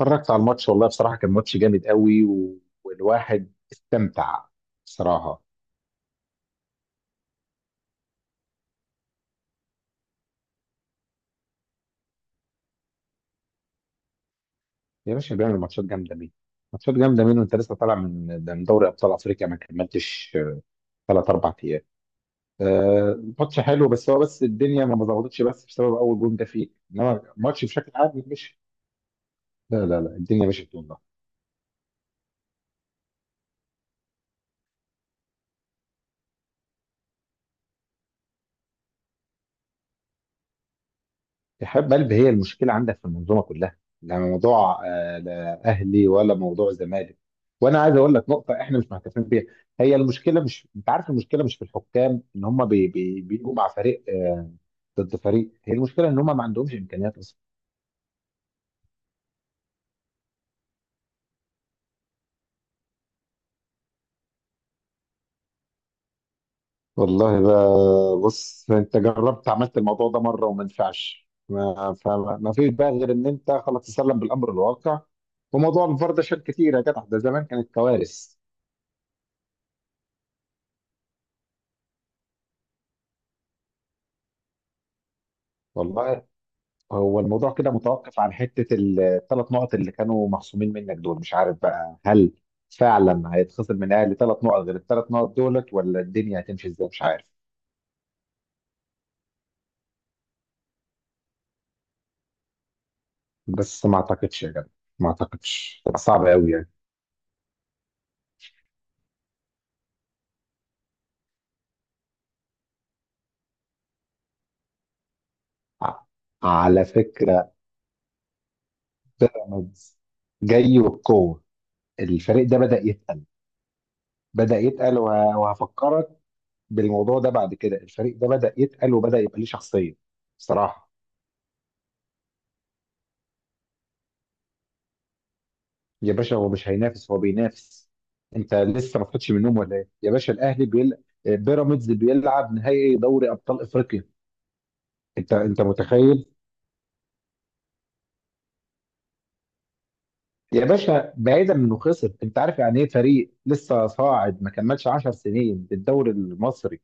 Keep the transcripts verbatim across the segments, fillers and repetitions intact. اتفرجت على الماتش، والله بصراحة كان ماتش جامد قوي و... والواحد استمتع بصراحة. يا باشا، بيعمل ماتشات جامدة مين؟ ماتشات جامدة مين وانت لسه طالع من ده من دوري أبطال أفريقيا، ما كملتش ثلاث أربع أيام. آه، ماتش حلو، بس هو بس الدنيا ما ظبطتش، بس بسبب أول جون ده فيه، إنما الماتش بشكل عام مش. لا لا لا، الدنيا مشيت والله. إرحاب قلب، هي المشكلة عندك في المنظومة كلها، لا موضوع آه، لا أهلي ولا موضوع زمالك، وأنا عايز أقول لك نقطة إحنا مش معترفين بيها. هي المشكلة، مش أنت عارف المشكلة مش في الحكام إن هم بي... بي... بيجوا مع فريق آه، ضد فريق، هي المشكلة إن هم ما عندهمش إمكانيات أصلا. والله بقى، بص أنت جربت عملت الموضوع ده مرة وما نفعش، ما فما ما فيش بقى غير إن أنت خلاص تسلم بالأمر الواقع. وموضوع الفار ده شال كتير يا جدع، ده زمان كانت كوارث. والله، هو الموضوع كده متوقف عن حتة الثلاث نقط اللي كانوا مخصومين منك دول، مش عارف بقى هل فعلا هيتخصم من الاهلي ثلاث نقط غير الثلاث نقط دولت، ولا الدنيا هتمشي ازاي مش عارف. بس ما اعتقدش يا جدع، ما اعتقدش هتبقى صعبة قوي يعني. ع- على فكرة، بيراميدز جاي وبقوة، الفريق ده بدأ يتقل، بدأ يتقل وه- وهفكرك بالموضوع ده، بعد كده الفريق ده بدأ يتقل وبدأ يبقى ليه شخصية بصراحة. يا باشا، هو مش هينافس، هو بينافس. انت لسه ما صحيتش من النوم ولا ايه يا باشا؟ الاهلي بيل... آه، بيراميدز بيلعب نهائي دوري ابطال افريقيا، انت انت متخيل؟ يا باشا، بعيدا من انه خسر، انت عارف يعني ايه فريق لسه صاعد ما كملش 10 سنين الدوري المصري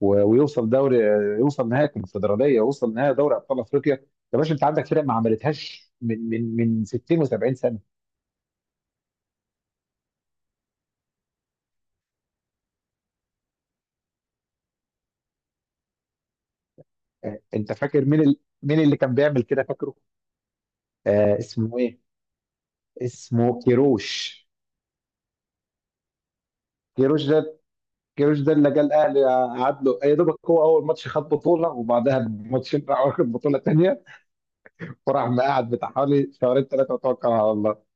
و... ويوصل دوري يوصل نهائي الكونفدراليه ويوصل نهائي دوري ابطال افريقيا. يا باشا، انت عندك فرق ما عملتهاش من من من ستين و70 سنه. اه، انت فاكر مين ال... مين اللي كان بيعمل كده؟ فاكره؟ آه اسمه ايه؟ اسمه كيروش. كيروش ده كيروش ده اللي جه الاهلي، قعد له يا دوبك، هو اول ماتش خد بطوله، وبعدها بماتشين راح واخد بطوله تانيه، وراح مقعد بتاع حوالي شهرين ثلاثه، وتوكل على الله.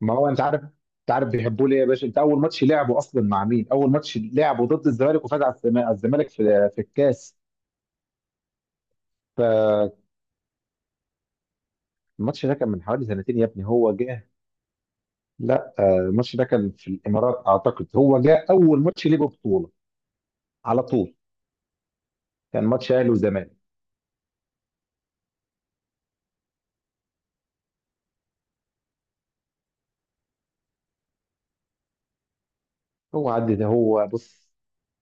ما هو انت عارف، انت عارف بيحبوه ليه يا باشا؟ انت اول ماتش لعبه اصلا مع مين؟ اول ماتش لعبه ضد الزمالك وفاز على الزما- على الزمالك في في الكاس. فالماتش ده كان من حوالي سنتين يا ابني، هو جه. لا، آه، الماتش ده كان في الامارات اعتقد، هو جه اول ماتش ليه بطوله على طول. كان ماتش اهلي وزمالك. هو عدى ده هو بص،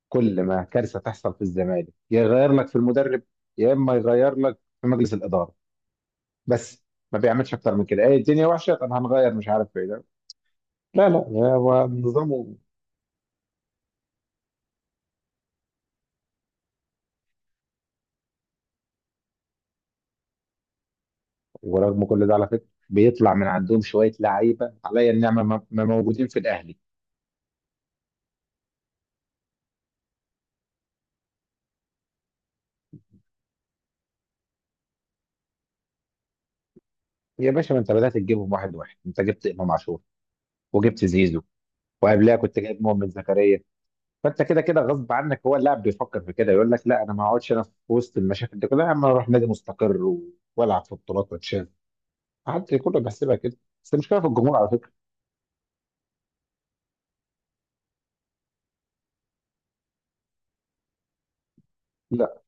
كل ما كارثه تحصل في الزمالك، يا يغير لك في المدرب، يا اما يغير لك في مجلس الاداره بس، ما بيعملش اكتر من كده، ايه الدنيا وحشه طب هنغير مش عارف ايه ده. لا لا، هو نظامه. ورغم كل ده على فكره بيطلع من عندهم شويه لعيبه عليا النعمه ما ما موجودين في الاهلي. يا باشا، ما انت بدات تجيبهم واحد واحد، انت جبت امام عاشور، وجبت زيزو، وقبلها كنت جايب مؤمن زكريا. فانت كده كده غصب عنك، هو اللاعب بيفكر في كده يقول لك لا، انا ما اقعدش انا في وسط المشاكل دي كلها، اما اروح نادي مستقر و- والعب في بطولات واتشاف. قعدت كله بحسبها كده. بس المشكله في الجمهور على فكره. لا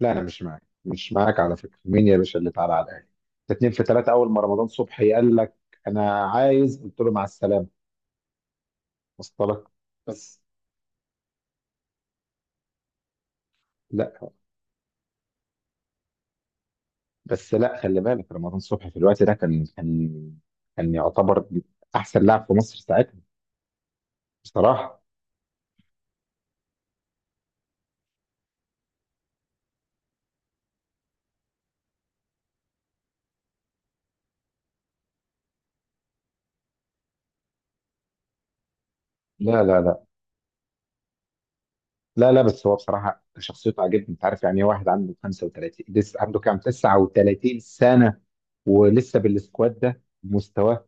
لا، انا مش معاك، مش معاك على فكره. مين يا باشا اللي تعالى على الاهلي؟ ده اتنين في تلاته، اول ما رمضان صبحي قال لك انا عايز، قلت له مع السلامه. وصل لك؟ بس لا بس لا خلي بالك، رمضان صبحي في الوقت ده كان كان كان يعتبر احسن لاعب في مصر ساعتها، بصراحه. لا لا لا لا لا، بس هو بصراحه شخصيته عجبني، انت عارف يعني إيه واحد عنده خمسة وثلاثين، لسه عنده كام، تسعة وثلاثين سنه ولسه بالسكواد ده مستواه؟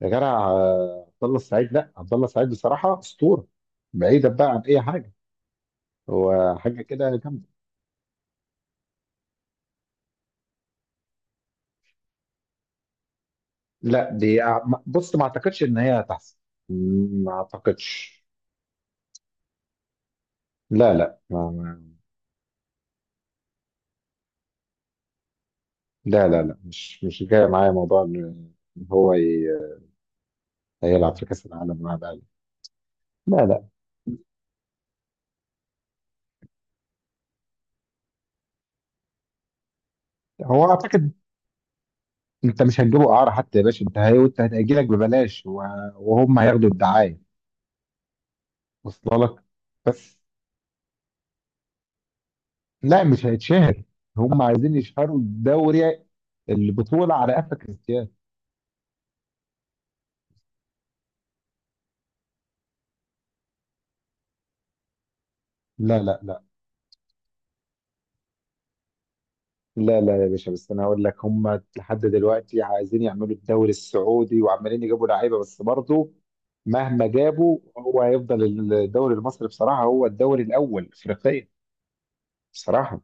يا جدع، آه، عبد الله السعيد، لا عبد الله السعيد بصراحه اسطوره، بعيدا بقى عن اي حاجه، هو حاجه كده جامده. لا دي أع- ما- بص ما اعتقدش ان هي هتحصل، م- ما اعتقدش. لا لا ما ما- لا لا لا، مش مش جاي معايا موضوع ان إن هو ي- هيلعب في كاس العالم مع الاهلي. لا لا، هو اعتقد انت مش هتجيبه اعاره حتى يا باشا، انت هي- وانت هتجي لك ببلاش و- وهم هياخدوا الدعايه. وصل لك؟ بس. لا، مش هيتشهر، هم عايزين يشهروا الدوري، البطولة على قفا كريستيانو. لا لا لا لا لا يا باشا، بس انا هقول لك، هم لحد دلوقتي عايزين يعملوا الدوري السعودي وعمالين يجيبوا لعيبة، بس برضه مهما جابوا، هو هيفضل الدوري المصري بصراحة هو الدوري الأول إفريقيا. بصراحة.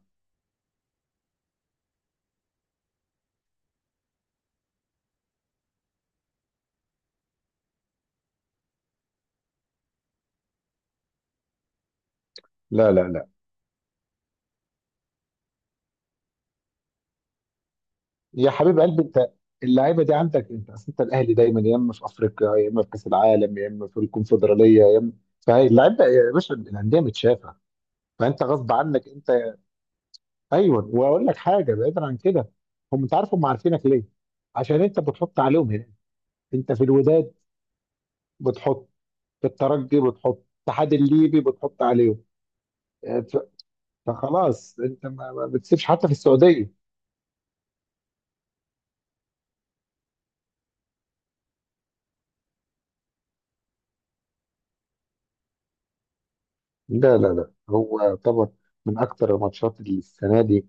لا لا لا، يا حبيب قلبي أنت، اللعيبة دي عندك أنت، أصل أنت الأهلي دايما يا إما في أفريقيا يا إما في كأس العالم يا إما في الكونفدرالية يا إما. فهي اللعيبة يا باشا، الأندية متشافة، فانت غصب عنك انت. ايوه، واقول لك حاجه بعيدا عن كده، هم انت عارف هم عارفينك ليه؟ عشان انت بتحط عليهم هنا. انت في الوداد بتحط، في الترجي بتحط، الاتحاد الليبي بتحط عليهم. اه، ف- فخلاص انت ما ما بتسيبش حتى في السعوديه. لا لا لا، هو طبعا من اكتر الماتشات اللي السنه دي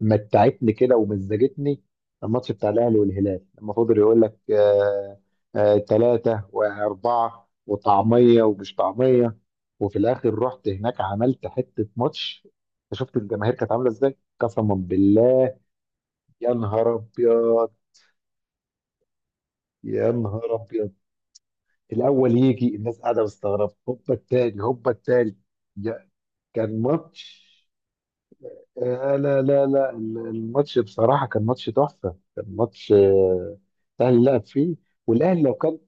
متعتني كده ومزجتني، الماتش بتاع الاهلي والهلال لما فضل يقول لك آه، آه ثلاثه واربعه وطعميه ومش طعميه، وفي الاخر رحت هناك عملت حته ماتش. أنت شفت الجماهير كانت عامله ازاي؟ قسما بالله. يا نهار ابيض. يا نهار ابيض، الاول يجي الناس قاعده مستغربه، هوبا التاني، هوبا التالت. يا- كان ماتش آه، لا لا لا، ال- الماتش بصراحة كان ماتش تحفة، كان ماتش آه، الأهلي لعب فيه، والأهلي لو كان.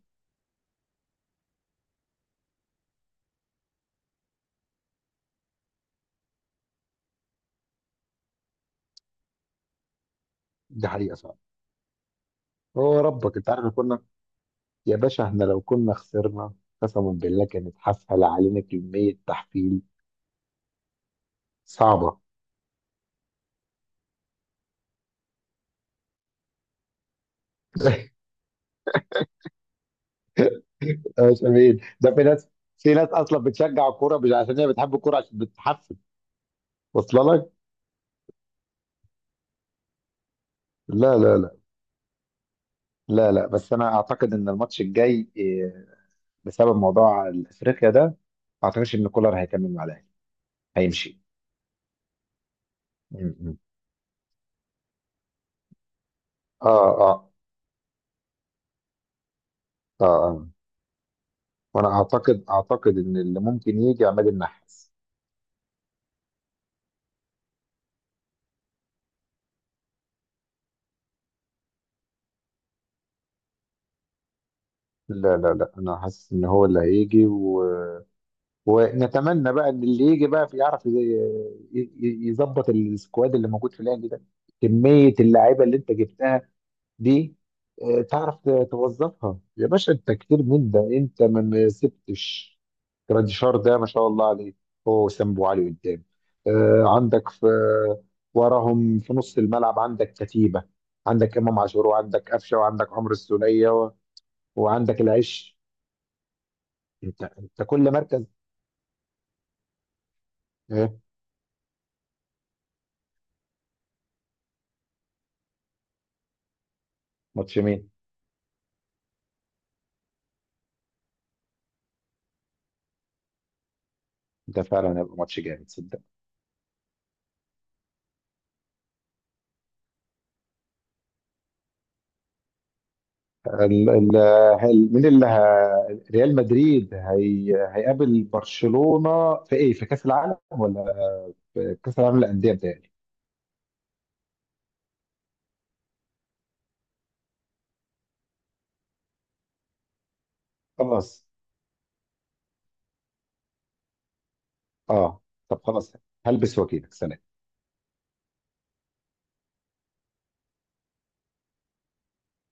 دي حقيقة صعبة. هو ربك، أنت عارف إحنا كنا. يا باشا إحنا لو كنا خسرنا قسما بالله كانت حفل علينا كمية تحفيل. صعبة. مش أمين ده، في ناس، في ناس أصلا بتشجع الكورة مش عشان هي بتحب الكورة، عشان بتحفل. واصلة لك؟ لا لا لا لا لا، بس أنا أعتقد إن الماتش الجاي آه، بسبب موضوع أفريقيا ده ما أعتقدش إن كولر هيكمل مع الأهلي، هيمشي. م- م. اه اه اه آه. وانا اعتقد اعتقد ان اللي ممكن يجي عماد النحاس. لا لا لا، انا حاسس ان هو اللي هيجي و... ونتمنى بقى ان اللي يجي بقى يعرف ي- ي- يظبط السكواد اللي موجود في الاهلي ده، كمية اللعيبة اللي انت جبتها دي. آه، تعرف ت- توظفها. يا باشا، انت كتير من ده، انت ما ما سبتش. جراديشار ده ما شاء الله عليه، هو وسام ابو علي قدام، آه، عندك في وراهم في نص الملعب عندك كتيبه، عندك امام عاشور، وعندك قفشه، وعندك عمرو السوليه و- وعندك العش. انت انت كل مركز. ايه؟ ماتش مين؟ ده فعلا هيبقى ماتش جامد صدق. ال- ال- هل- مين اللي ه... ريال مدريد هي... هيقابل برشلونة في ايه، في كأس العالم ولا في كأس العالم للأندية بتاعي؟ خلاص. اه، طب خلاص، هلبس واجيلك، سلام.